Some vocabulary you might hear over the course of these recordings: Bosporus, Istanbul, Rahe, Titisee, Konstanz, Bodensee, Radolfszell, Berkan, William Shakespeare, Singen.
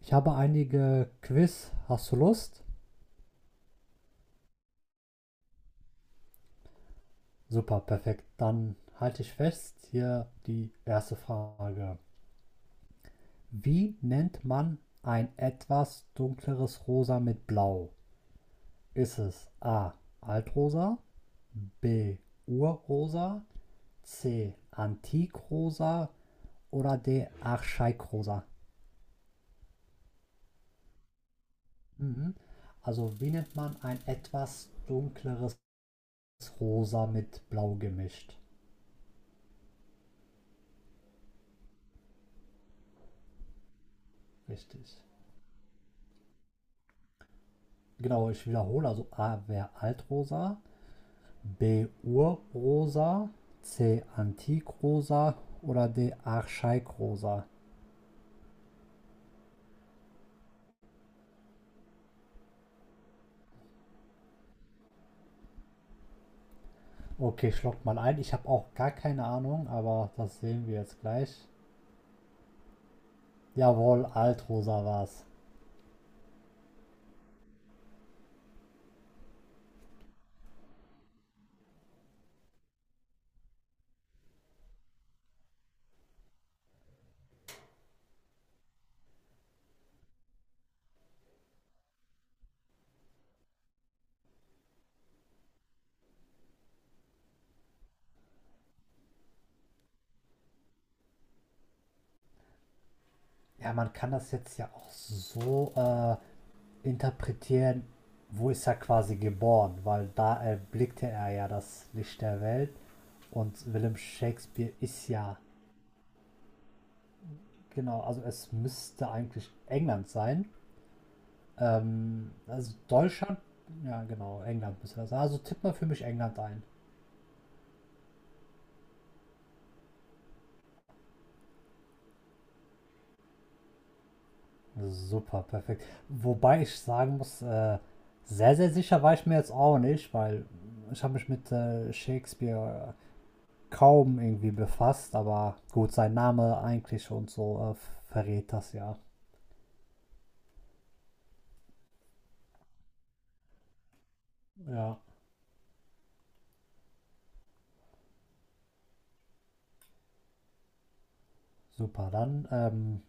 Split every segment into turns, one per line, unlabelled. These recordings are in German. Ich habe einige Quiz. Hast du Lust? Super, perfekt. Dann halte ich fest. Hier die erste Frage. Wie nennt man ein etwas dunkleres Rosa mit Blau? Ist es A. Altrosa, B. Urrosa, C. Antikrosa oder D. Archaikrosa? Mhm. Also wie nennt man ein etwas dunkleres Rosa mit Blau gemischt? Richtig. Genau, ich wiederhole. Also A wäre Altrosa, B Urrosa, C Antikrosa oder D Archaikrosa. Okay, ich log mal ein. Ich habe auch gar keine Ahnung, aber das sehen wir jetzt gleich. Jawohl, Altrosa war's. Ja, man kann das jetzt ja auch so interpretieren, wo ist er quasi geboren, weil da erblickte er ja das Licht der Welt und William Shakespeare ist ja. Genau, also es müsste eigentlich England sein. Also Deutschland, ja genau, England müsste das sein. Also tipp mal für mich England ein. Super, perfekt. Wobei ich sagen muss, sehr, sehr sicher war ich mir jetzt auch nicht, weil ich habe mich mit Shakespeare kaum irgendwie befasst, aber gut, sein Name eigentlich und so verrät das ja. Ja, super. Dann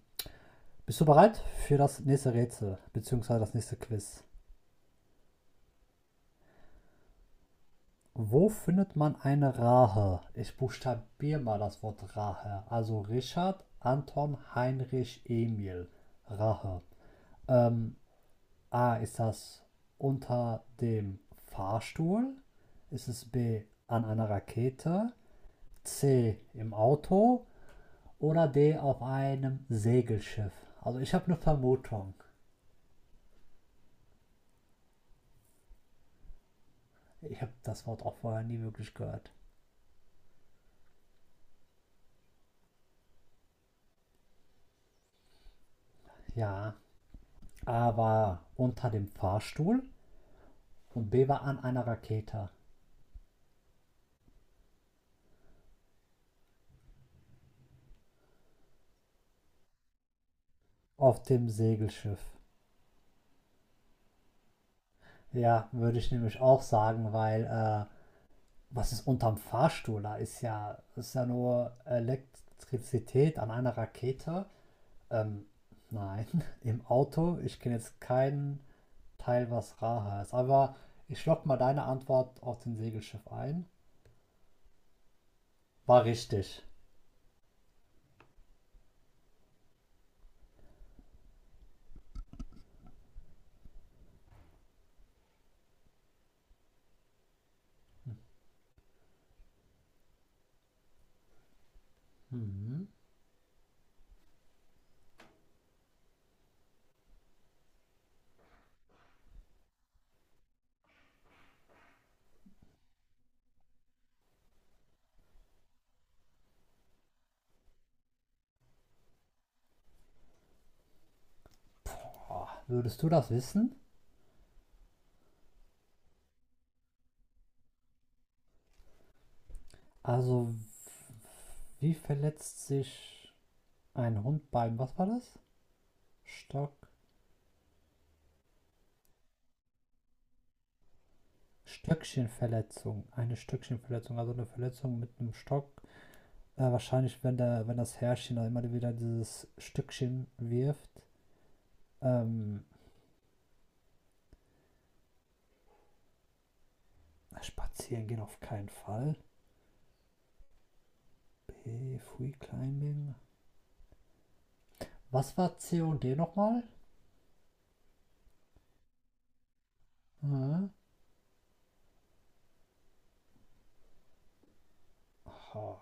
bist du bereit für das nächste Rätsel, beziehungsweise das nächste Quiz? Wo findet man eine Rahe? Ich buchstabiere mal das Wort Rahe. Also Richard, Anton, Heinrich, Emil. Rahe. Ähm, A, ist das unter dem Fahrstuhl? Ist es B, an einer Rakete? C, im Auto? Oder D, auf einem Segelschiff? Also ich habe eine Vermutung. Ich habe das Wort auch vorher nie wirklich gehört. Ja, A war unter dem Fahrstuhl und B war an einer Rakete. Auf dem Segelschiff. Ja, würde ich nämlich auch sagen, weil was ist unterm Fahrstuhl? Da ist ja nur Elektrizität an einer Rakete. Ähm, nein, im Auto, ich kenne jetzt keinen Teil, was rar heißt. Aber ich lock mal deine Antwort auf den Segelschiff ein. War richtig. Mhm. Boah, würdest du das wissen? Also, wie verletzt sich ein Hund beim, was war das? Stock, Stöckchenverletzung, eine Stöckchenverletzung, also eine Verletzung mit einem Stock. Wahrscheinlich, wenn, der, wenn das Herrchen da immer wieder dieses Stückchen wirft. Ähm, spazieren gehen auf keinen Fall. B, Free Climbing. Was war C und D nochmal? Hm? Oh,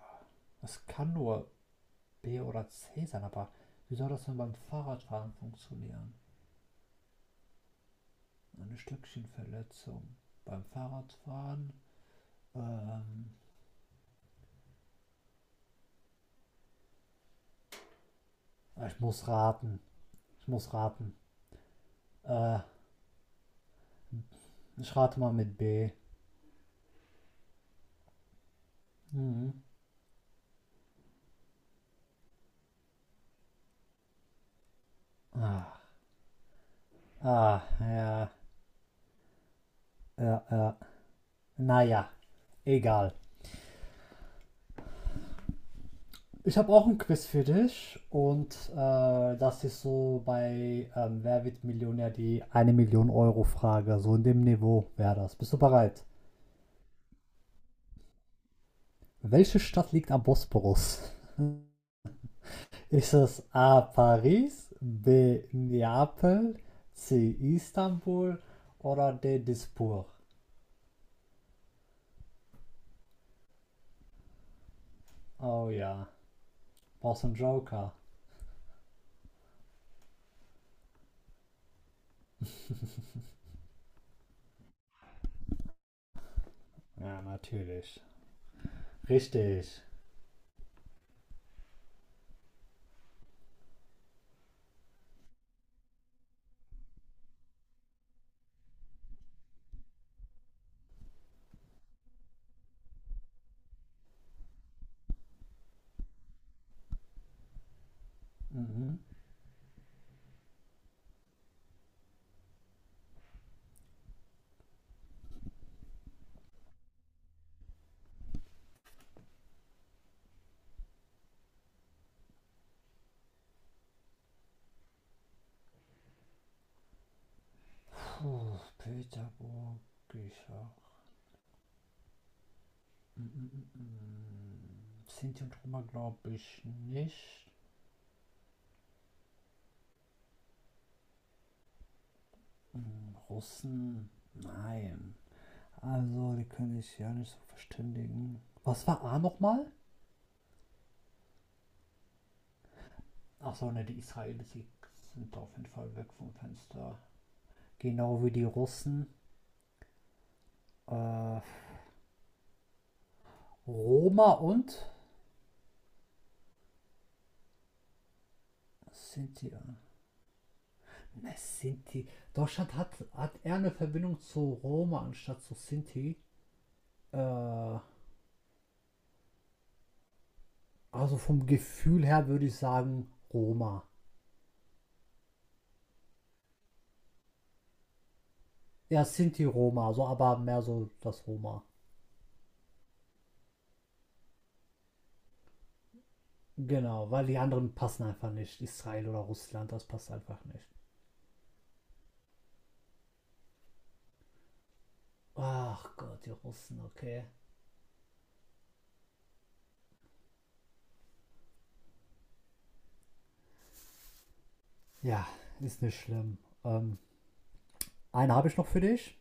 das kann nur B oder C sein, aber wie soll das denn beim Fahrradfahren funktionieren? Eine Stückchenverletzung. Beim Fahrradfahren? Ähm, ich muss raten. Ich muss raten. Äh, Ich rate mal mit B. Mhm. Ah, ah, ja, ja, ja. Naja, egal. Ich habe auch ein Quiz für dich und das ist so bei Wer wird Millionär die eine 1 Million Euro Frage. So in dem Niveau wäre das. Bist du bereit? Welche Stadt liegt am Bosporus? Ist es A. Paris, B. Neapel, C. Istanbul oder D. Dispur? Oh ja, brauchst du einen Joker? Ja, natürlich. Richtig. Mhm. Puh, Peterburg, Bücher. Mm. Sinti und Roma glaube ich nicht. Russen, nein. Also, die können sich ja nicht so verständigen. Was war A nochmal? Achso, ne, die Israelis sind auf jeden Fall weg vom Fenster. Genau wie die Russen. Äh, Roma und Sinti. Ja. Ne, Sinti. Deutschland hat, hat eher eine Verbindung zu Roma anstatt zu Sinti. Äh, also vom Gefühl her würde ich sagen Roma. Ja, Sinti Roma, so aber mehr so das Roma. Genau, weil die anderen passen einfach nicht. Israel oder Russland, das passt einfach nicht. Ach Gott, die Russen, okay. Ja, ist nicht schlimm. Ähm, eine habe ich noch für dich.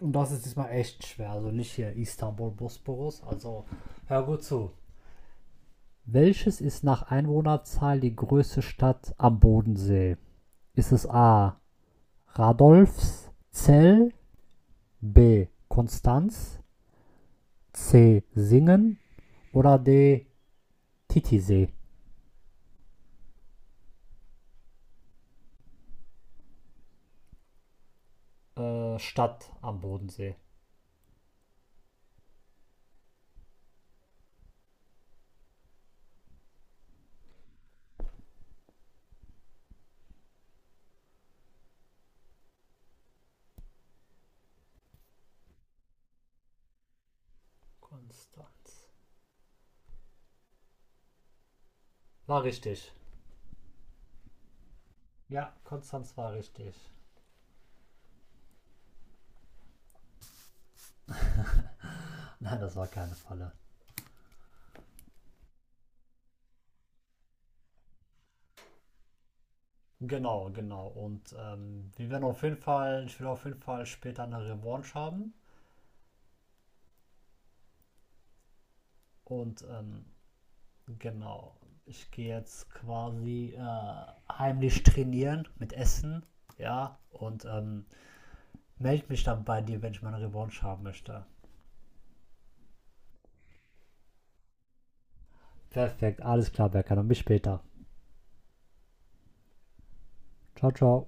Und das ist diesmal echt schwer. Also nicht hier Istanbul, Bosporus. Also hör gut zu. Welches ist nach Einwohnerzahl die größte Stadt am Bodensee? Ist es A. Radolfszell, B. Konstanz, C. Singen oder D. Titisee. Stadt am Bodensee. Konstanz. War richtig. Ja, Konstanz war richtig. Nein, das war keine Falle. Genau, genau. Und wir werden auf jeden Fall, ich will auf jeden Fall später eine Revanche haben. Und genau, ich gehe jetzt quasi heimlich trainieren mit Essen. Ja, und melde mich dann bei dir, wenn ich meine Revanche haben möchte. Perfekt, alles klar, Berkan. Dann bis später. Ciao, ciao.